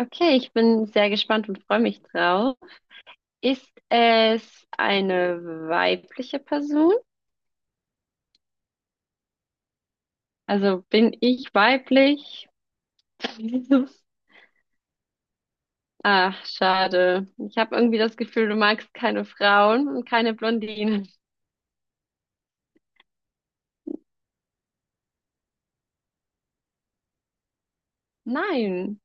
Okay, ich bin sehr gespannt und freue mich drauf. Ist es eine weibliche Person? Also bin ich weiblich? Ach, schade. Ich habe irgendwie das Gefühl, du magst keine Frauen und keine Blondinen. Nein,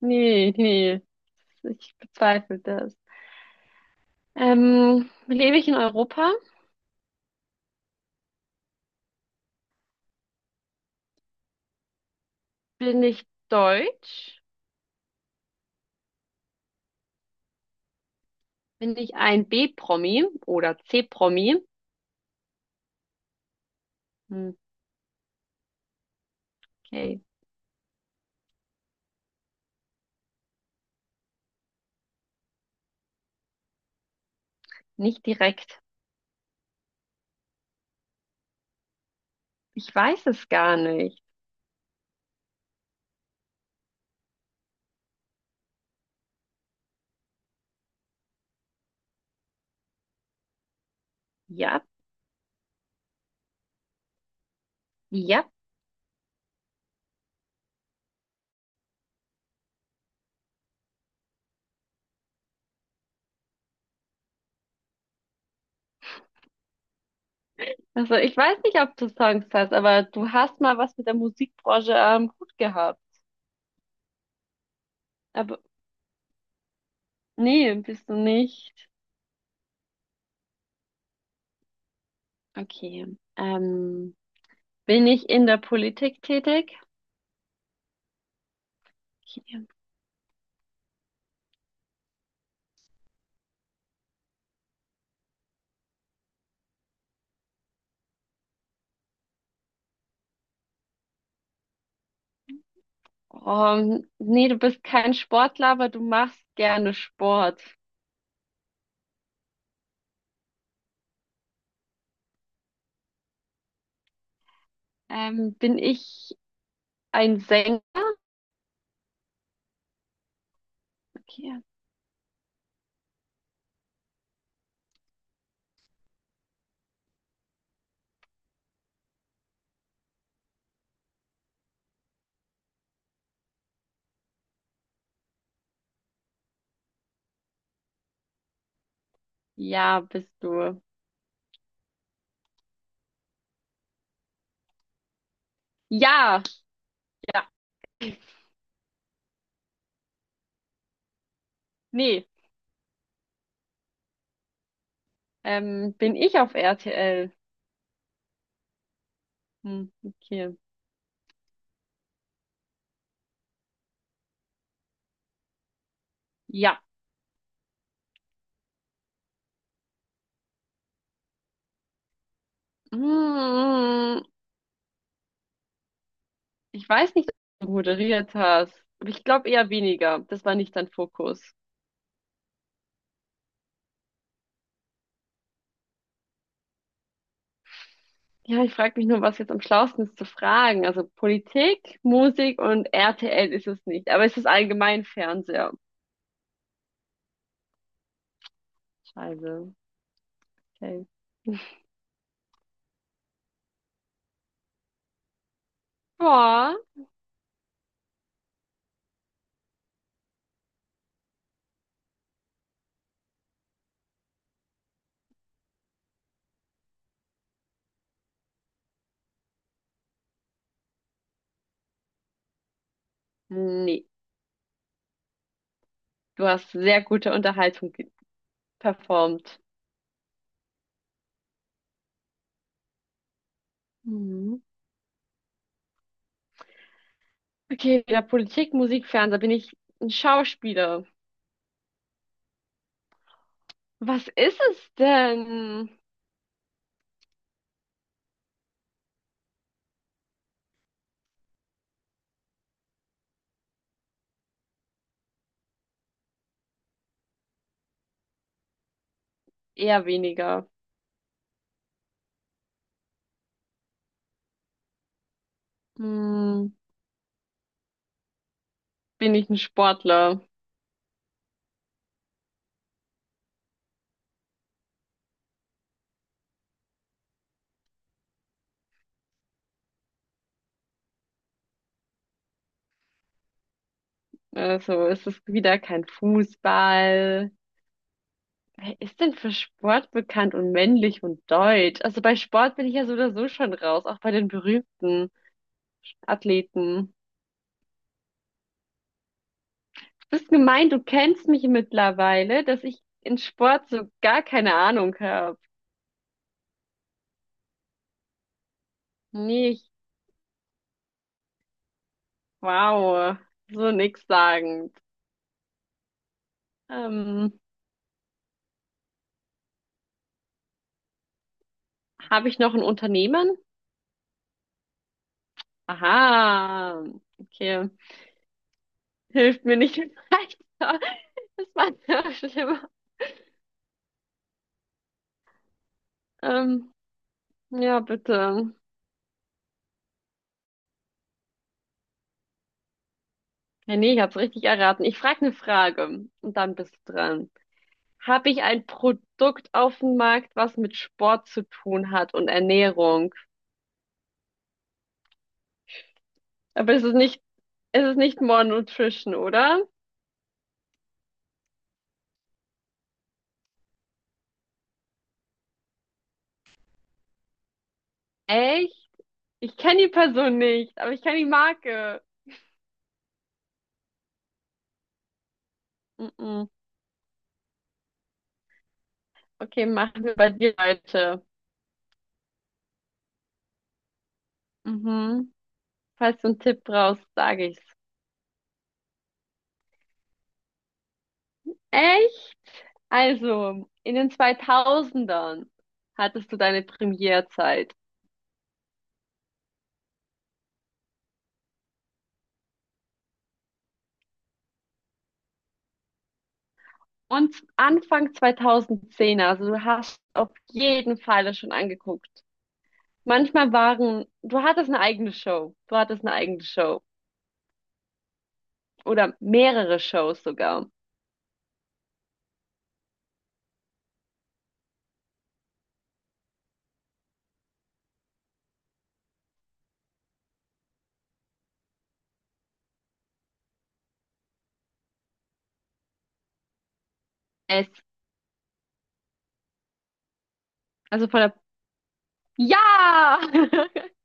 nee, nee, ich bezweifle das. Lebe ich in Europa? Bin ich deutsch? Bin ich ein B-Promi oder C-Promi? Hm, okay, nicht direkt. Ich weiß es gar nicht. Ja, ja. Also ich weiß nicht, ob du Songs hast, aber du hast mal was mit der Musikbranche gut gehabt. Aber nee, bist du nicht. Okay. Ähm, bin ich in der Politik tätig? Okay. Oh, nee, du bist kein Sportler, aber du machst gerne Sport. Bin ich ein Sänger? Okay. Ja, bist du. Ja, ja. Nee. Bin ich auf RTL? Hm, okay. Ja. Mm, ich weiß nicht, ob du moderiert hast, aber ich glaube eher weniger. Das war nicht dein Fokus. Ja, ich frage mich nur, was jetzt am schlausten ist zu fragen. Also Politik, Musik und RTL ist es nicht, aber es ist allgemein Fernseher. Scheiße. Okay. Boah. Nee, du hast sehr gute Unterhaltung performt. Mhm. Okay, ja, Politik, Musik, Fernseher, bin ich ein Schauspieler. Was ist es denn? Eher weniger. Hm, bin ich ein Sportler. Also es ist wieder kein Fußball. Wer ist denn für Sport bekannt und männlich und deutsch? Also bei Sport bin ich ja so oder so schon raus, auch bei den berühmten Athleten. Du bist gemein, du kennst mich mittlerweile, dass ich in Sport so gar keine Ahnung habe. Nicht, wow, so nix sagend. Ähm, habe ich noch einen Unternehmen? Aha, okay, hilft mir nicht weiter. Das war ja schlimmer. Ähm, ja, bitte. Ja, nee, ich hab's richtig erraten. Ich frage eine Frage und dann bist du dran. Habe ich ein Produkt auf dem Markt, was mit Sport zu tun hat und Ernährung? Aber es ist nicht More Nutrition, oder? Echt? Ich kenne die Person nicht, aber ich kenne die Marke. Mm-mm. Okay, machen wir bei dir, Leute. Mhm. Falls du einen Tipp brauchst, sage ich's. Echt? Also, in den 2000ern hattest du deine Premierzeit. Und Anfang 2010er, also du hast auf jeden Fall das schon angeguckt. Manchmal waren, du hattest eine eigene Show. Du hattest eine eigene Show. Oder mehrere Shows sogar. Es, also von der, ja!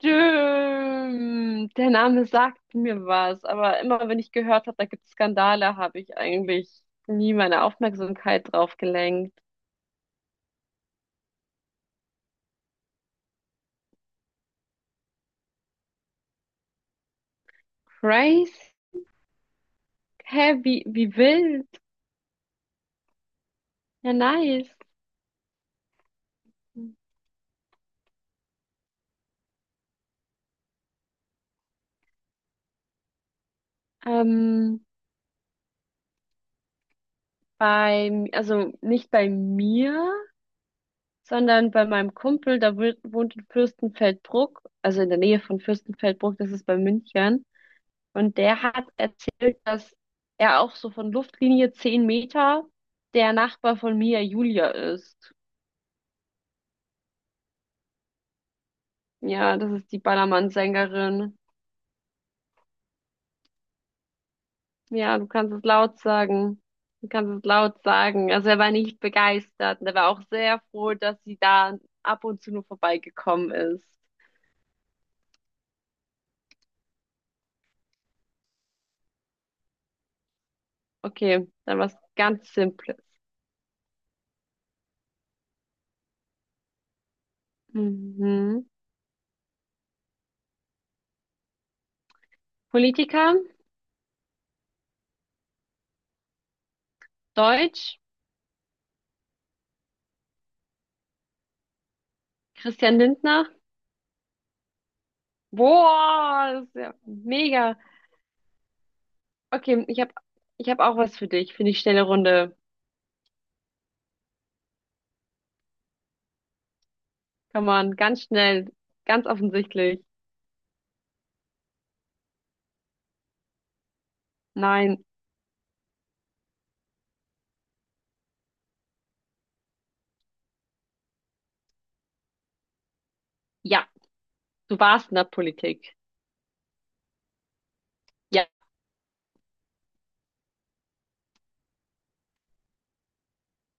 Stimmt, der Name sagt mir was, aber immer wenn ich gehört habe, da gibt es Skandale, habe ich eigentlich nie meine Aufmerksamkeit drauf gelenkt. Crazy? Hä, wie, wie wild? Ja, nice. Ähm, beim, also nicht bei mir, sondern bei meinem Kumpel, der wohnt in Fürstenfeldbruck, also in der Nähe von Fürstenfeldbruck, das ist bei München. Und der hat erzählt, dass er auch so von Luftlinie 10 Meter der Nachbar von Mia Julia ist. Ja, das ist die Ballermann-Sängerin. Ja, du kannst es laut sagen. Du kannst es laut sagen. Also er war nicht begeistert und er war auch sehr froh, dass sie da ab und zu nur vorbeigekommen ist. Okay, dann was ganz Simples. Mhm. Politiker, Deutsch, Christian Lindner. Boah, das ist ja mega. Okay, ich hab auch was für dich, für die schnelle Runde. Komm on, ganz schnell, ganz offensichtlich. Nein, ja, du warst in der Politik. Ja.